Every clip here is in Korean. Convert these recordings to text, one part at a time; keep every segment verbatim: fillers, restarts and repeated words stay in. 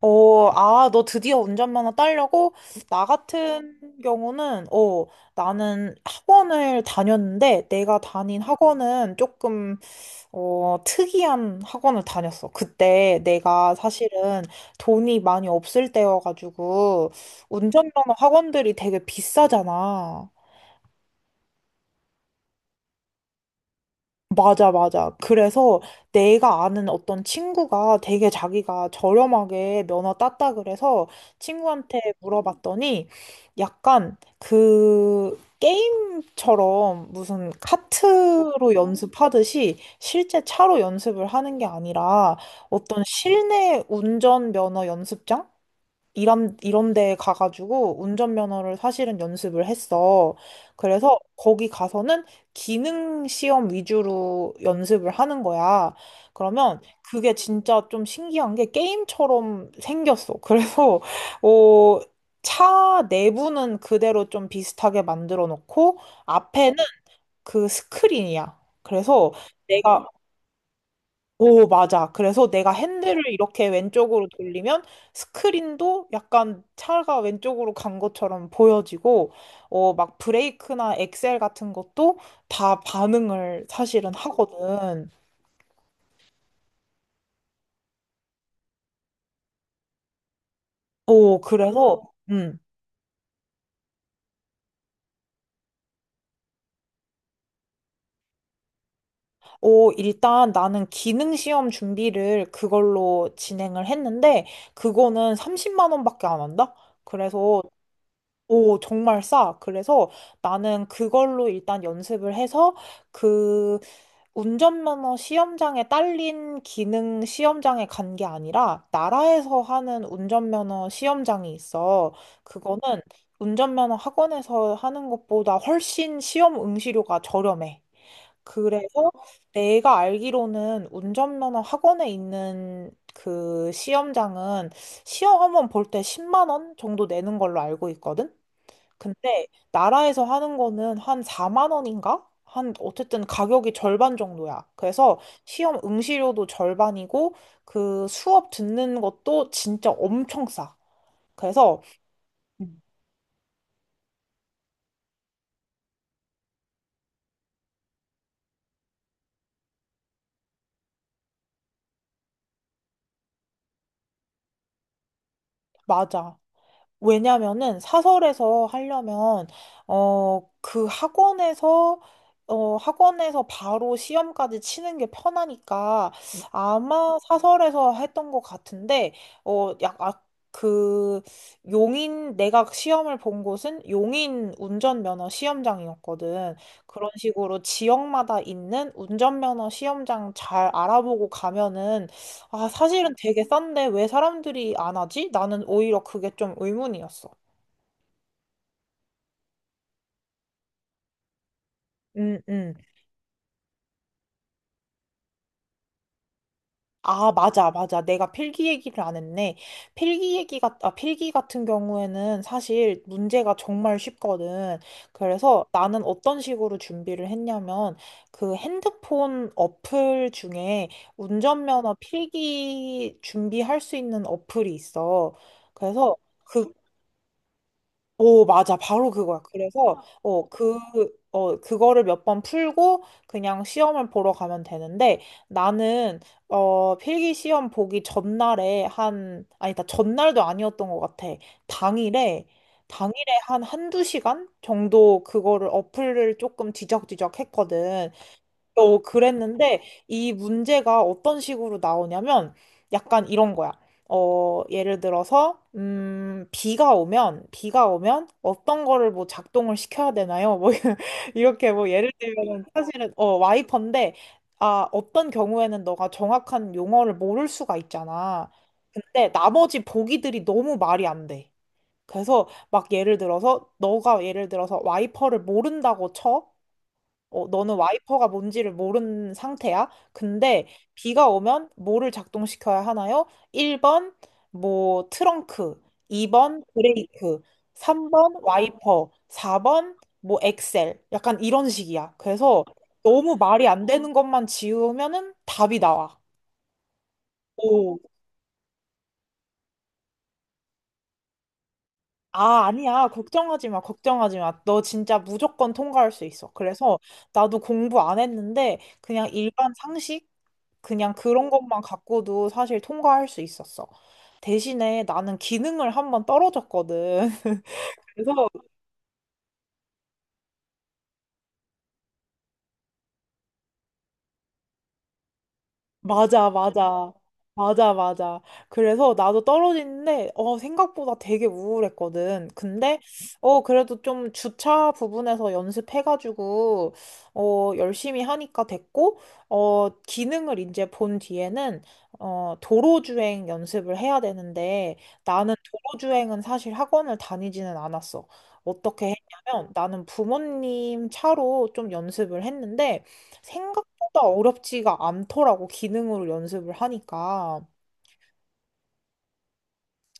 어, 아, 너 드디어 운전면허 따려고? 나 같은 경우는, 어, 나는 학원을 다녔는데, 내가 다닌 학원은 조금, 어, 특이한 학원을 다녔어. 그때 내가 사실은 돈이 많이 없을 때여가지고, 운전면허 학원들이 되게 비싸잖아. 맞아, 맞아. 그래서 내가 아는 어떤 친구가 되게 자기가 저렴하게 면허 땄다 그래서 친구한테 물어봤더니 약간 그 게임처럼 무슨 카트로 연습하듯이 실제 차로 연습을 하는 게 아니라 어떤 실내 운전 면허 연습장? 이런, 이런 데 가가지고 운전면허를 사실은 연습을 했어. 그래서 거기 가서는 기능 시험 위주로 연습을 하는 거야. 그러면 그게 진짜 좀 신기한 게 게임처럼 생겼어. 그래서, 어, 차 내부는 그대로 좀 비슷하게 만들어 놓고 앞에는 그 스크린이야. 그래서 내가 오, 맞아. 그래서 내가 핸들을 이렇게 왼쪽으로 돌리면 스크린도 약간 차가 왼쪽으로 간 것처럼 보여지고, 어, 막 브레이크나 엑셀 같은 것도 다 반응을 사실은 하거든. 오, 그래서, 음. 오, 일단 나는 기능 시험 준비를 그걸로 진행을 했는데, 그거는 삼십만 원밖에 안 한다? 그래서 오, 정말 싸. 그래서 나는 그걸로 일단 연습을 해서 그 운전면허 시험장에 딸린 기능 시험장에 간 게 아니라 나라에서 하는 운전면허 시험장이 있어. 그거는 운전면허 학원에서 하는 것보다 훨씬 시험 응시료가 저렴해. 그래서 내가 알기로는 운전면허 학원에 있는 그 시험장은 시험 한번 볼 때 십만 원 정도 내는 걸로 알고 있거든. 근데 나라에서 하는 거는 한 사만 원인가? 한 어쨌든 가격이 절반 정도야. 그래서 시험 응시료도 절반이고 그 수업 듣는 것도 진짜 엄청 싸. 그래서 음. 맞아. 왜냐면은 사설에서 하려면 어 그 학원에서 어 학원에서 바로 시험까지 치는 게 편하니까 아마 사설에서 했던 것 같은데 어약그 용인 내가 시험을 본 곳은 용인 운전면허 시험장이었거든. 그런 식으로 지역마다 있는 운전면허 시험장 잘 알아보고 가면은 아, 사실은 되게 싼데 왜 사람들이 안 하지? 나는 오히려 그게 좀 의문이었어. 음, 음. 아, 맞아, 맞아. 내가 필기 얘기를 안 했네. 필기 얘기 같, 아, 필기 같은 경우에는 사실 문제가 정말 쉽거든. 그래서 나는 어떤 식으로 준비를 했냐면 그 핸드폰 어플 중에 운전면허 필기 준비할 수 있는 어플이 있어. 그래서 그 오, 맞아. 바로 그거야. 그래서, 어, 어, 그, 어, 그거를 몇 번 풀고 그냥 시험을 보러 가면 되는데 나는, 어, 필기 시험 보기 전날에 한, 아니다, 전날도 아니었던 것 같아. 당일에, 당일에 한 한두 시간 정도 그거를 어플을 조금 뒤적뒤적 했거든. 어, 그랬는데 이 문제가 어떤 식으로 나오냐면 약간 이런 거야. 어, 예를 들어서 음, 비가 오면 비가 오면 어떤 거를 뭐 작동을 시켜야 되나요? 뭐 이렇게 뭐 예를 들면 사실은 어, 와이퍼인데 아, 어떤 경우에는 너가 정확한 용어를 모를 수가 있잖아. 근데 나머지 보기들이 너무 말이 안 돼. 그래서 막 예를 들어서 너가 예를 들어서 와이퍼를 모른다고 쳐. 어, 너는 와이퍼가 뭔지를 모르는 상태야. 근데 비가 오면 뭐를 작동시켜야 하나요? 일 번 뭐 트렁크, 이 번 브레이크, 삼 번 와이퍼, 사 번 뭐 엑셀. 약간 이런 식이야. 그래서 너무 말이 안 되는 것만 지우면은 답이 나와. 오. 아, 아니야. 걱정하지 마. 걱정하지 마. 너 진짜 무조건 통과할 수 있어. 그래서 나도 공부 안 했는데 그냥 일반 상식 그냥 그런 것만 갖고도 사실 통과할 수 있었어. 대신에 나는 기능을 한번 떨어졌거든. 그래서 맞아, 맞아. 맞아, 맞아. 그래서 나도 떨어지는데, 어, 생각보다 되게 우울했거든. 근데, 어, 그래도 좀 주차 부분에서 연습해가지고, 어, 열심히 하니까 됐고, 어, 기능을 이제 본 뒤에는, 어, 도로주행 연습을 해야 되는데, 나는 도로주행은 사실 학원을 다니지는 않았어. 어떻게 했냐면, 나는 부모님 차로 좀 연습을 했는데, 생각 생각보다 어렵지가 않더라고, 기능으로 연습을 하니까.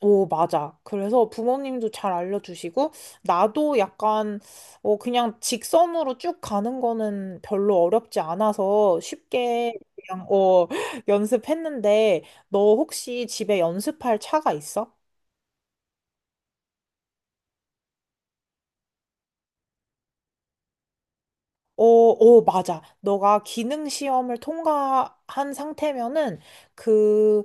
오, 맞아. 그래서 부모님도 잘 알려주시고, 나도 약간, 어, 그냥 직선으로 쭉 가는 거는 별로 어렵지 않아서 쉽게 그냥, 어, 연습했는데, 너 혹시 집에 연습할 차가 있어? 어, 어, 맞아. 너가 기능 시험을 통과한 상태면은 그,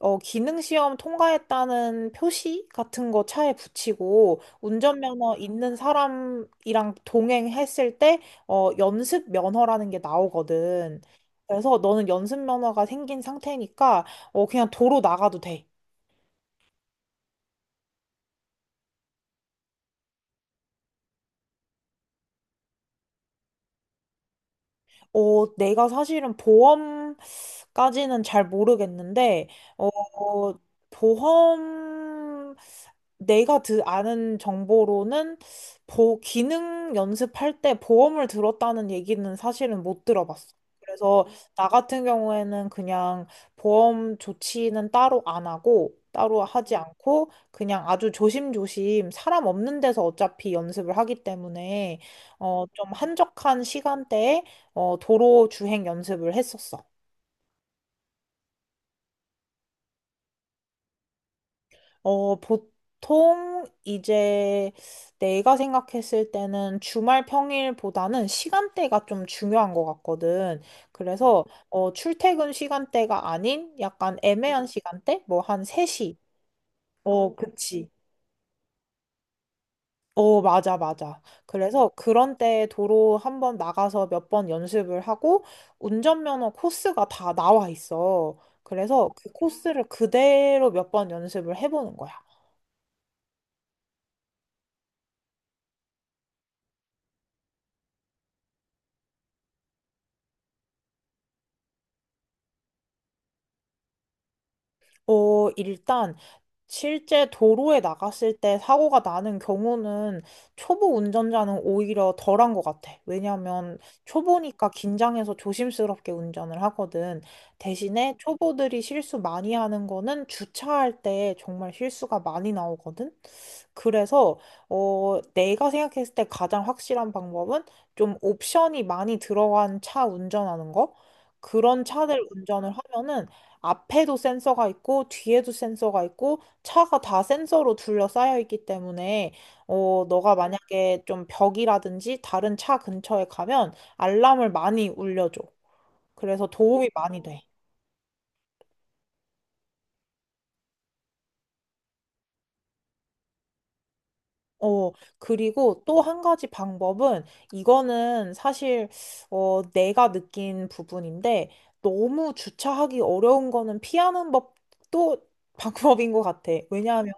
어, 기능 시험 통과했다는 표시 같은 거 차에 붙이고 운전면허 있는 사람이랑 동행했을 때, 어, 연습 면허라는 게 나오거든. 그래서 너는 연습 면허가 생긴 상태니까, 어, 그냥 도로 나가도 돼. 어, 내가 사실은 보험 까지는 잘 모르겠는데, 어, 보험, 내가 드, 아는 정보로는 보, 기능 연습할 때 보험을 들었다는 얘기는 사실은 못 들어봤어. 그래서 나 같은 경우에는 그냥 보험 조치는 따로 안 하고, 따로 하지 않고, 그냥 아주 조심조심 사람 없는 데서 어차피 연습을 하기 때문에, 어, 좀 한적한 시간대에, 어, 도로 주행 연습을 했었어. 어, 보통 이제 내가 생각했을 때는 주말 평일보다는 시간대가 좀 중요한 것 같거든. 그래서 어, 출퇴근 시간대가 아닌 약간 애매한 시간대? 뭐 한 세 시. 어, 그치. 어, 맞아, 맞아. 그래서 그런 때 도로 한번 나가서 몇 번 연습을 하고 운전면허 코스가 다 나와 있어. 그래서 그 코스를 그대로 몇 번 연습을 해보는 거야. 어, 일단 실제 도로에 나갔을 때 사고가 나는 경우는 초보 운전자는 오히려 덜한 것 같아. 왜냐하면 초보니까 긴장해서 조심스럽게 운전을 하거든. 대신에 초보들이 실수 많이 하는 거는 주차할 때 정말 실수가 많이 나오거든. 그래서 어, 내가 생각했을 때 가장 확실한 방법은 좀 옵션이 많이 들어간 차 운전하는 거? 그런 차들 운전을 하면은 앞에도 센서가 있고 뒤에도 센서가 있고 차가 다 센서로 둘러싸여 있기 때문에 어, 너가 만약에 좀 벽이라든지 다른 차 근처에 가면 알람을 많이 울려줘. 그래서 도움이 많이 돼. 어, 그리고 또 한 가지 방법은, 이거는 사실, 어, 내가 느낀 부분인데, 너무 주차하기 어려운 거는 피하는 법도 방법인 것 같아. 왜냐하면,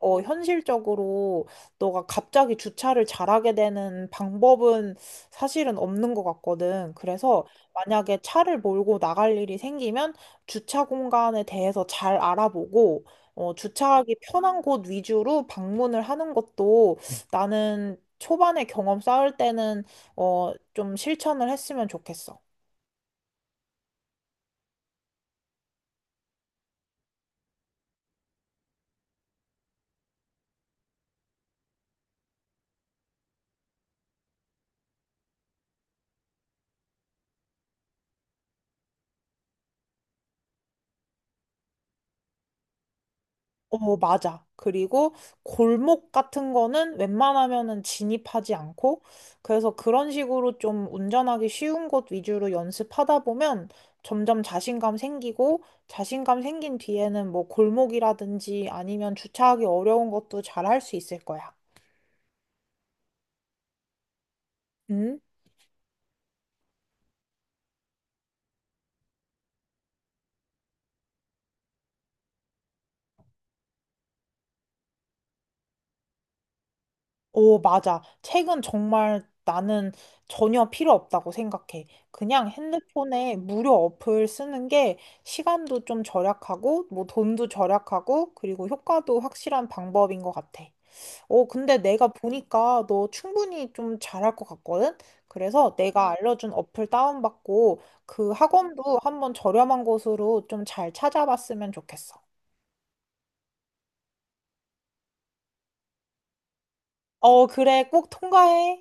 어, 현실적으로 너가 갑자기 주차를 잘하게 되는 방법은 사실은 없는 것 같거든. 그래서 만약에 차를 몰고 나갈 일이 생기면 주차 공간에 대해서 잘 알아보고, 어, 주차하기 편한 곳 위주로 방문을 하는 것도 나는 초반에 경험 쌓을 때는, 어, 좀 실천을 했으면 좋겠어. 어, 맞아. 그리고 골목 같은 거는 웬만하면은 진입하지 않고, 그래서 그런 식으로 좀 운전하기 쉬운 곳 위주로 연습하다 보면 점점 자신감 생기고, 자신감 생긴 뒤에는 뭐 골목이라든지 아니면 주차하기 어려운 것도 잘할 수 있을 거야. 음. 오, 맞아. 책은 정말 나는 전혀 필요 없다고 생각해. 그냥 핸드폰에 무료 어플 쓰는 게 시간도 좀 절약하고, 뭐 돈도 절약하고, 그리고 효과도 확실한 방법인 것 같아. 오, 근데 내가 보니까 너 충분히 좀 잘할 것 같거든? 그래서 내가 음. 알려준 어플 다운받고, 그 학원도 한번 저렴한 곳으로 좀 잘 찾아봤으면 좋겠어. 어, 그래. 꼭 통과해.